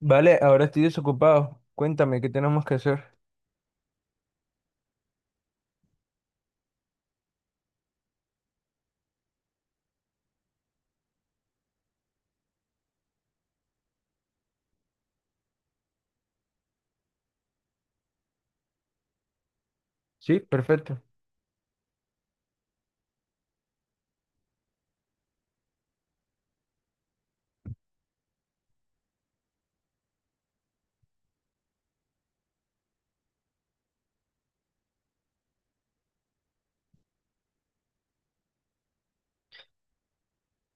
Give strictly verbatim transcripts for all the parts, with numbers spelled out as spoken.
Vale, ahora estoy desocupado. Cuéntame, ¿qué tenemos que hacer? Sí, perfecto.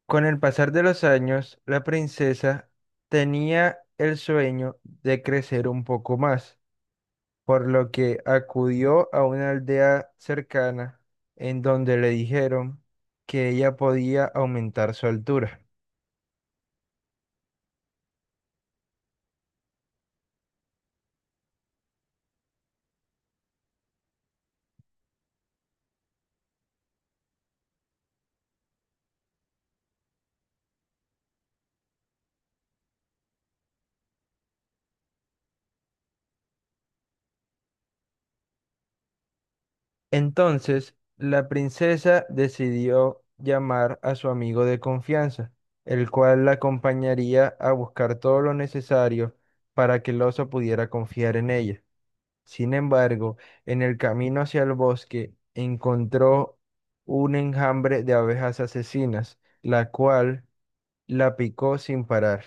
Con el pasar de los años, la princesa tenía el sueño de crecer un poco más, por lo que acudió a una aldea cercana en donde le dijeron que ella podía aumentar su altura. Entonces, la princesa decidió llamar a su amigo de confianza, el cual la acompañaría a buscar todo lo necesario para que el oso pudiera confiar en ella. Sin embargo, en el camino hacia el bosque encontró un enjambre de abejas asesinas, la cual la picó sin parar.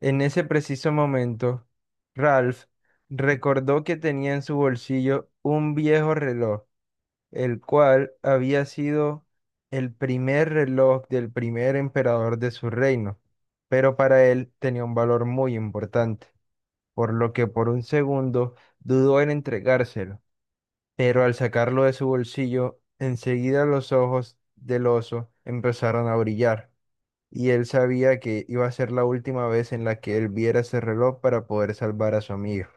En ese preciso momento, Ralph recordó que tenía en su bolsillo un viejo reloj el cual había sido el primer reloj del primer emperador de su reino, pero para él tenía un valor muy importante, por lo que por un segundo dudó en entregárselo, pero al sacarlo de su bolsillo, enseguida los ojos del oso empezaron a brillar, y él sabía que iba a ser la última vez en la que él viera ese reloj para poder salvar a su amigo.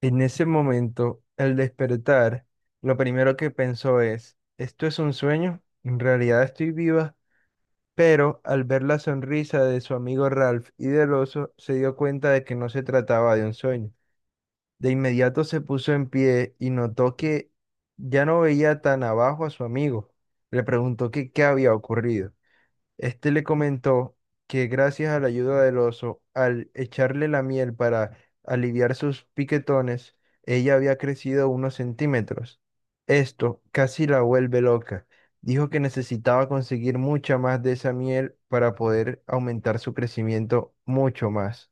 En ese momento, al despertar, lo primero que pensó es, ¿esto es un sueño? En realidad estoy viva, pero al ver la sonrisa de su amigo Ralph y del oso, se dio cuenta de que no se trataba de un sueño. De inmediato se puso en pie y notó que ya no veía tan abajo a su amigo. Le preguntó que qué había ocurrido. Este le comentó que gracias a la ayuda del oso, al echarle la miel para aliviar sus piquetones, ella había crecido unos centímetros. Esto casi la vuelve loca. Dijo que necesitaba conseguir mucha más de esa miel para poder aumentar su crecimiento mucho más.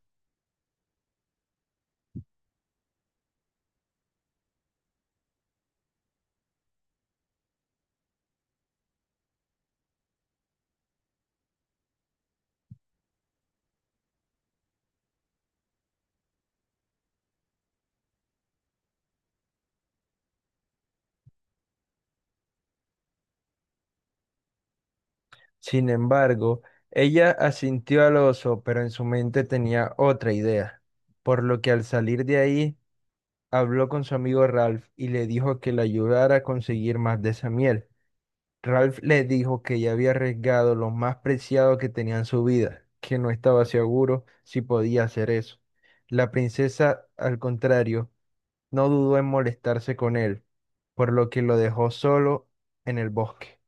Sin embargo, ella asintió al oso, pero en su mente tenía otra idea, por lo que al salir de ahí, habló con su amigo Ralph y le dijo que le ayudara a conseguir más de esa miel. Ralph le dijo que ya había arriesgado lo más preciado que tenía en su vida, que no estaba seguro si podía hacer eso. La princesa, al contrario, no dudó en molestarse con él, por lo que lo dejó solo en el bosque.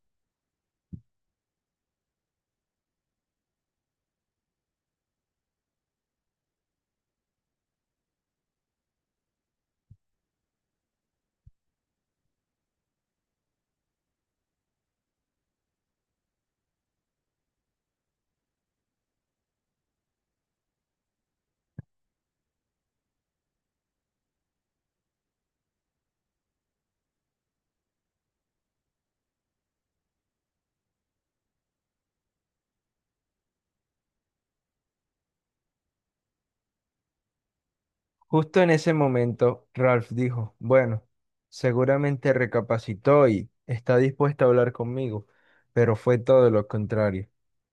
Justo en ese momento, Ralph dijo, bueno, seguramente recapacitó y está dispuesta a hablar conmigo, pero fue todo lo contrario.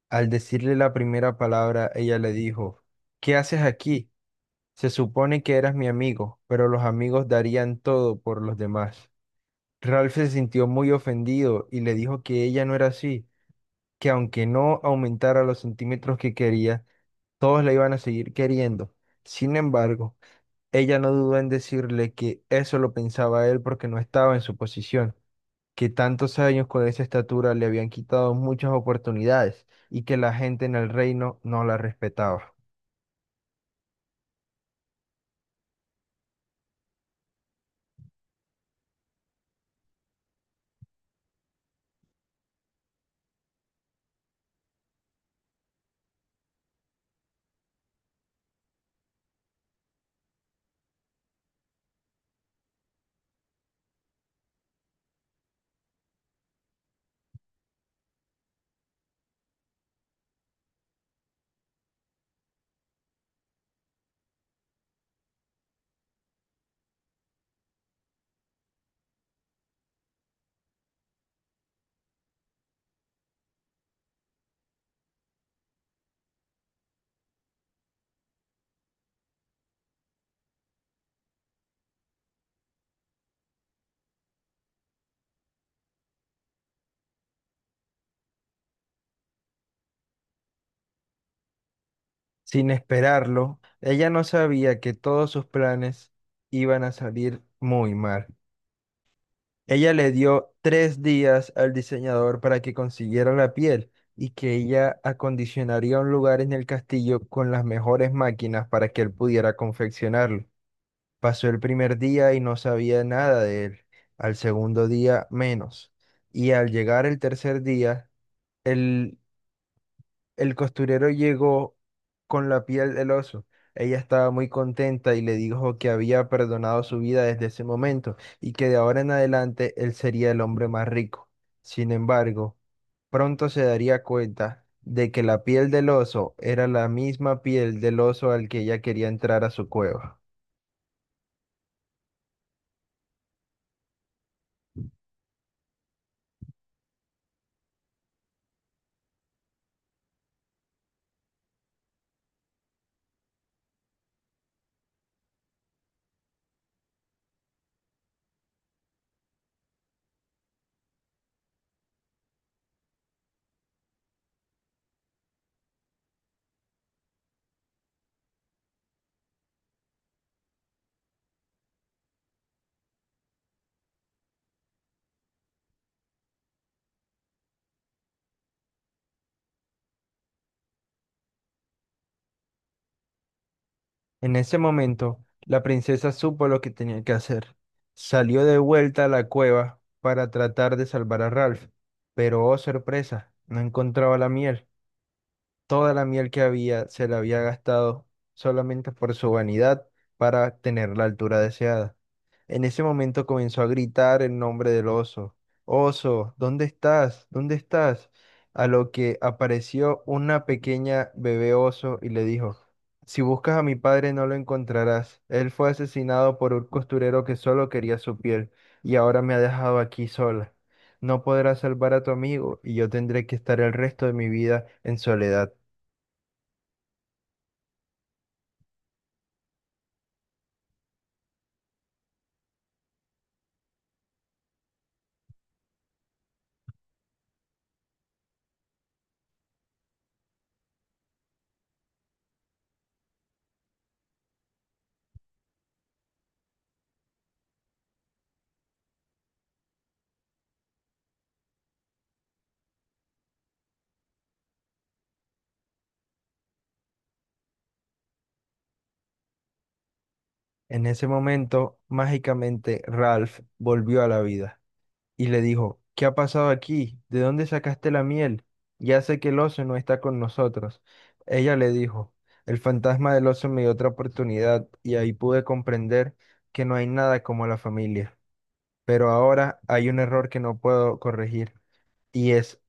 Al decirle la primera palabra, ella le dijo, ¿qué haces aquí? Se supone que eras mi amigo, pero los amigos darían todo por los demás. Ralph se sintió muy ofendido y le dijo que ella no era así, que aunque no aumentara los centímetros que quería, todos la iban a seguir queriendo. Sin embargo, ella no dudó en decirle que eso lo pensaba él porque no estaba en su posición, que tantos años con esa estatura le habían quitado muchas oportunidades y que la gente en el reino no la respetaba. Sin esperarlo, ella no sabía que todos sus planes iban a salir muy mal. Ella le dio tres días al diseñador para que consiguiera la piel y que ella acondicionaría un lugar en el castillo con las mejores máquinas para que él pudiera confeccionarlo. Pasó el primer día y no sabía nada de él. Al segundo día menos. Y al llegar el tercer día, el, el costurero llegó con la piel del oso. Ella estaba muy contenta y le dijo que había perdonado su vida desde ese momento y que de ahora en adelante él sería el hombre más rico. Sin embargo, pronto se daría cuenta de que la piel del oso era la misma piel del oso al que ella quería entrar a su cueva. En ese momento, la princesa supo lo que tenía que hacer. Salió de vuelta a la cueva para tratar de salvar a Ralph, pero oh sorpresa, no encontraba la miel. Toda la miel que había se la había gastado solamente por su vanidad para tener la altura deseada. En ese momento comenzó a gritar el nombre del oso. Oso, ¿dónde estás? ¿Dónde estás? A lo que apareció una pequeña bebé oso y le dijo, si buscas a mi padre no lo encontrarás. Él fue asesinado por un costurero que solo quería su piel y ahora me ha dejado aquí sola. No podrás salvar a tu amigo y yo tendré que estar el resto de mi vida en soledad. En ese momento, mágicamente, Ralph volvió a la vida y le dijo, ¿qué ha pasado aquí? ¿De dónde sacaste la miel? Ya sé que el oso no está con nosotros. Ella le dijo, el fantasma del oso me dio otra oportunidad y ahí pude comprender que no hay nada como la familia. Pero ahora hay un error que no puedo corregir y es,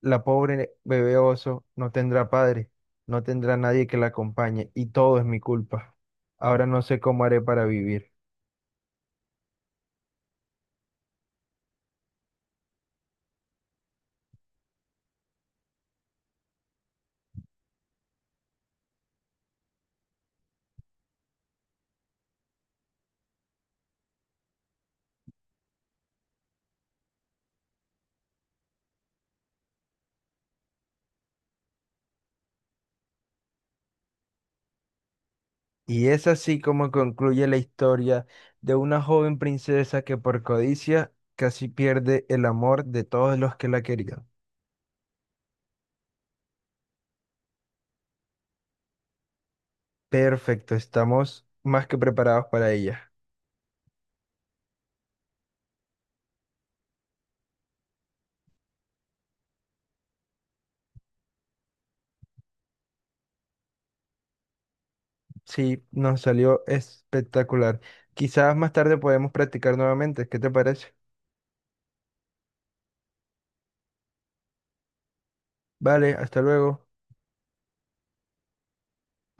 la pobre bebé oso no tendrá padre, no tendrá nadie que la acompañe y todo es mi culpa. Ahora no sé cómo haré para vivir. Y es así como concluye la historia de una joven princesa que por codicia casi pierde el amor de todos los que la querían. Perfecto, estamos más que preparados para ella. Sí, nos salió espectacular. Quizás más tarde podemos practicar nuevamente. ¿Qué te parece? Vale, hasta luego.